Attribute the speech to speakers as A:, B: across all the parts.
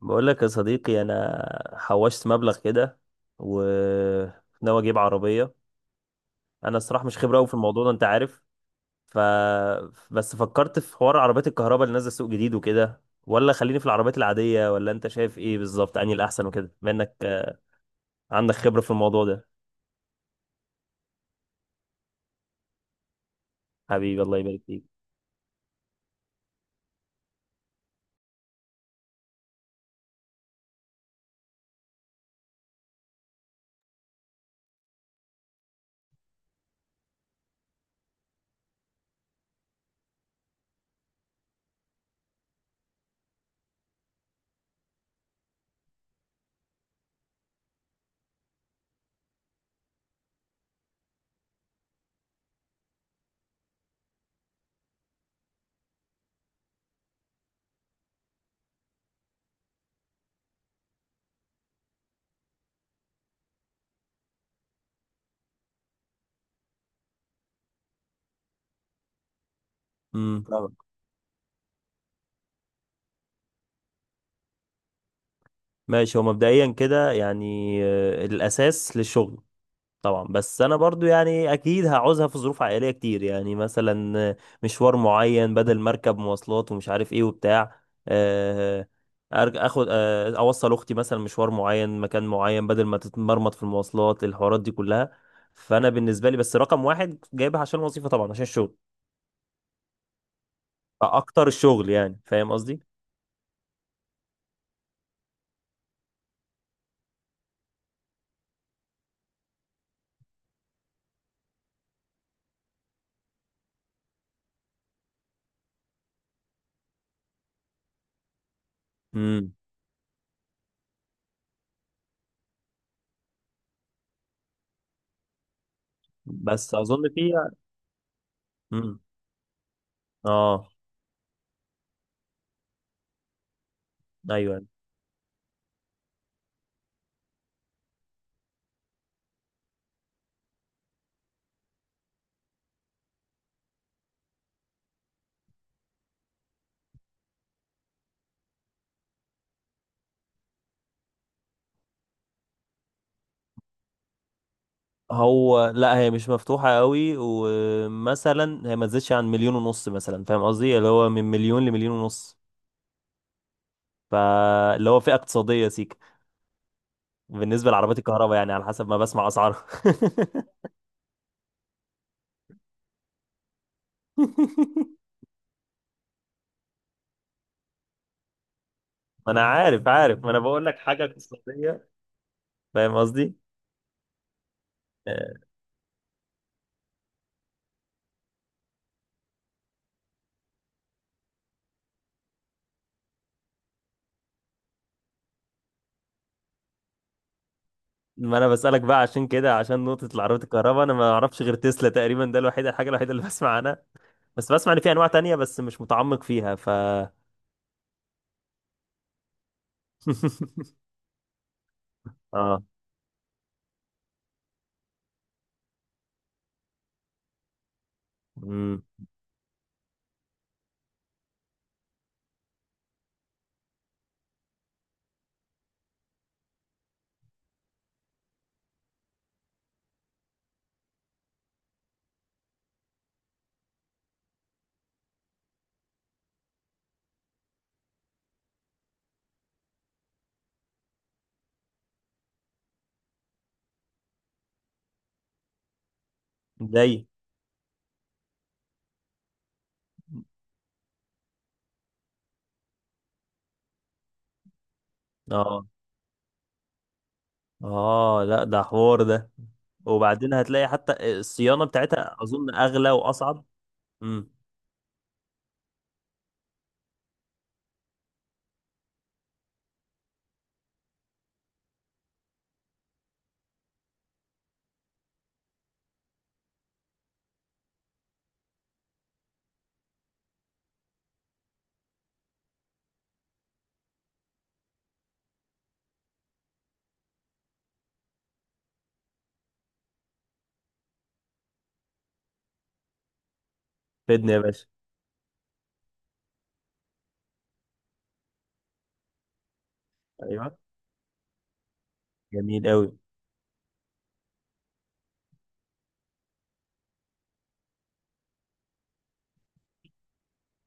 A: بقول لك يا صديقي، انا حوشت مبلغ كده وناوي اجيب عربيه. انا الصراحه مش خبره قوي في الموضوع ده، انت عارف. ف بس فكرت في حوار عربيات الكهرباء اللي نازله سوق جديد وكده، ولا خليني في العربيات العاديه، ولا انت شايف ايه بالظبط؟ انهي الاحسن وكده، بما انك عندك خبره في الموضوع ده. حبيبي الله يبارك فيك. امم. ماشي، هو مبدئيا كده يعني الاساس للشغل طبعا. بس انا برضو يعني اكيد هعوزها في ظروف عائليه كتير، يعني مثلا مشوار معين بدل مركب مواصلات ومش عارف ايه وبتاع. آه، اخد، اوصل اختي مثلا مشوار معين مكان معين بدل ما تتمرمط في المواصلات الحوارات دي كلها. فانا بالنسبه لي بس رقم واحد جايبها عشان الوظيفه طبعا، عشان الشغل اكتر، الشغل يعني، فاهم قصدي. امم. بس اظن فيها. امم. اه، ايوه. هو لا، هي مش مفتوحة قوي، ومثلا هي ما تزيدش عن مليون ونص مثلا، فاهم قصدي؟ اللي هو من مليون لمليون ونص، فاللي هو فئة اقتصادية سيك بالنسبة لعربيات الكهرباء، يعني على حسب ما بسمع أسعارها. ما أنا عارف عارف، ما أنا بقول لك حاجة اقتصادية، فاهم قصدي. آه، ما أنا بسألك بقى عشان كده، عشان نقطة العربيات الكهرباء أنا ما أعرفش غير تسلا تقريبا، ده الوحيد، الحاجة الوحيدة اللي بسمع عنها. بس بسمع إن في أنواع تانية بس مش متعمق فيها، آه. امم. زي. اه. اه لا، ده حوار ده. وبعدين هتلاقي حتى الصيانة بتاعتها اظن اغلى واصعب. امم. فدني يا باشا. ايوه. جميل قوي.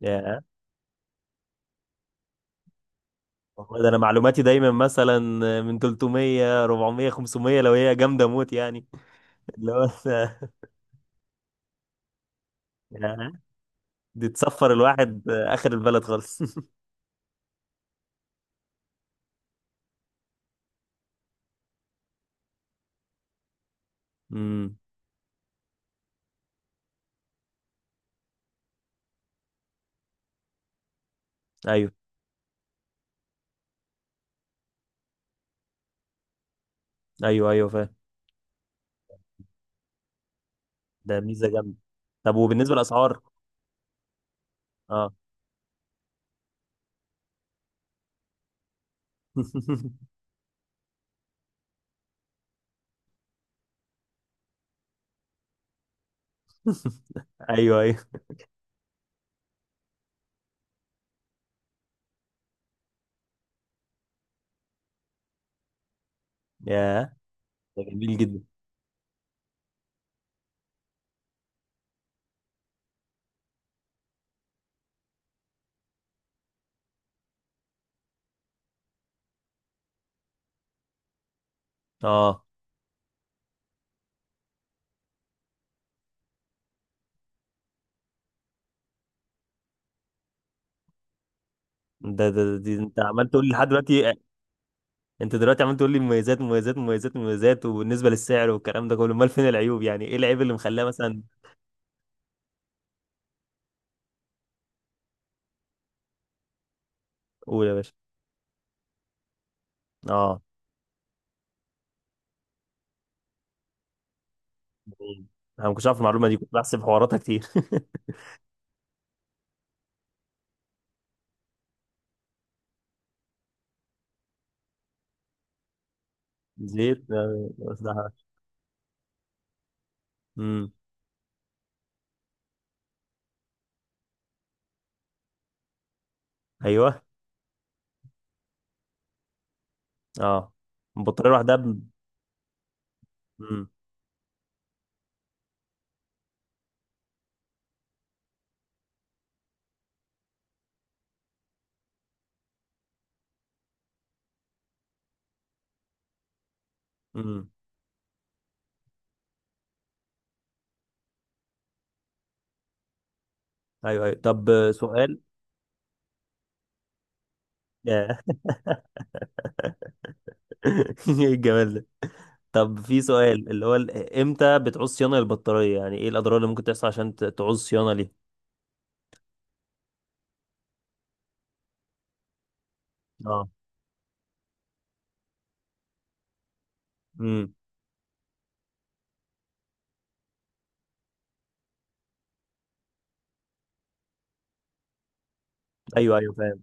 A: يا والله، ده انا معلوماتي دايما مثلا من 300 400 500، لو هي جامدة موت يعني. اللي هو أنت- يا، دي تسفر الواحد اخر البلد خالص. امم. ايوه. ايوه ايوه، فاهم. ده ميزة جامدة. طب وبالنسبة للاسعار؟ اه. ايوه ايوه. يا، ده جميل جدا. اه، ده ده دي انت عمال تقول لي لحد دلوقتي، انت دلوقتي عمال تقول لي مميزات مميزات مميزات مميزات وبالنسبه للسعر والكلام ده كله، امال فين العيوب؟ يعني ايه العيب اللي مخليها مثلا؟ قول يا باشا. اه، جميل. انا ما كنتش اعرف المعلومه دي، كنت بحسب حواراتها كتير. زيت، امم. ايوه. اه. البطاريه لوحدها امم. امم. ايوه ايوه. طب سؤال. ياه. ايه الجمال ده. طب في سؤال، اللي هو امتى بتعوز صيانة للبطارية؟ يعني ايه الأضرار اللي ممكن تحصل عشان تعوز صيانة ليها؟ اه. امم. ايوه ايوه فاهم.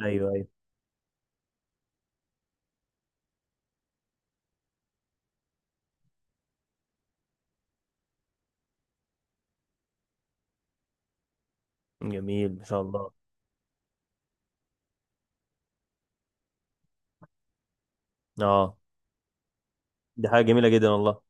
A: ايوه ايوه. جميل ما شاء الله. اه، دي حاجة جميلة جدا والله.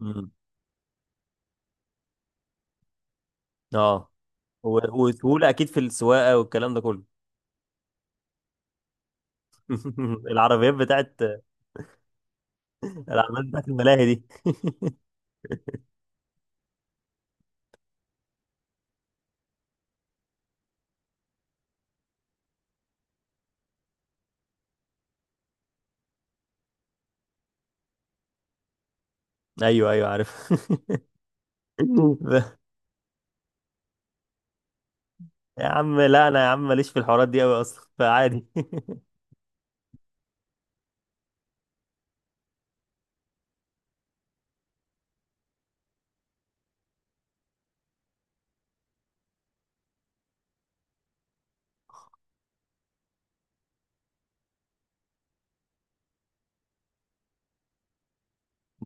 A: امم. اه، وسهولة اكيد في السواقة والكلام ده كله. العربيات بتاعت، العربيات بتاعت الملاهي دي. ايوه ايوه عارف. يا عم لا، انا يا عم ماليش في الحوارات دي قوي اصلا، فعادي.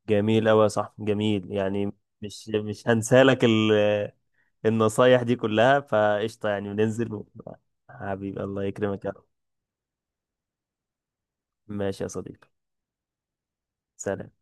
A: جميل قوي يا صاحبي، جميل يعني. مش هنسالك النصايح دي كلها فقشطة يعني؟ بننزل و... حبيبي الله يكرمك يا رب. ماشي يا صديقي، سلام.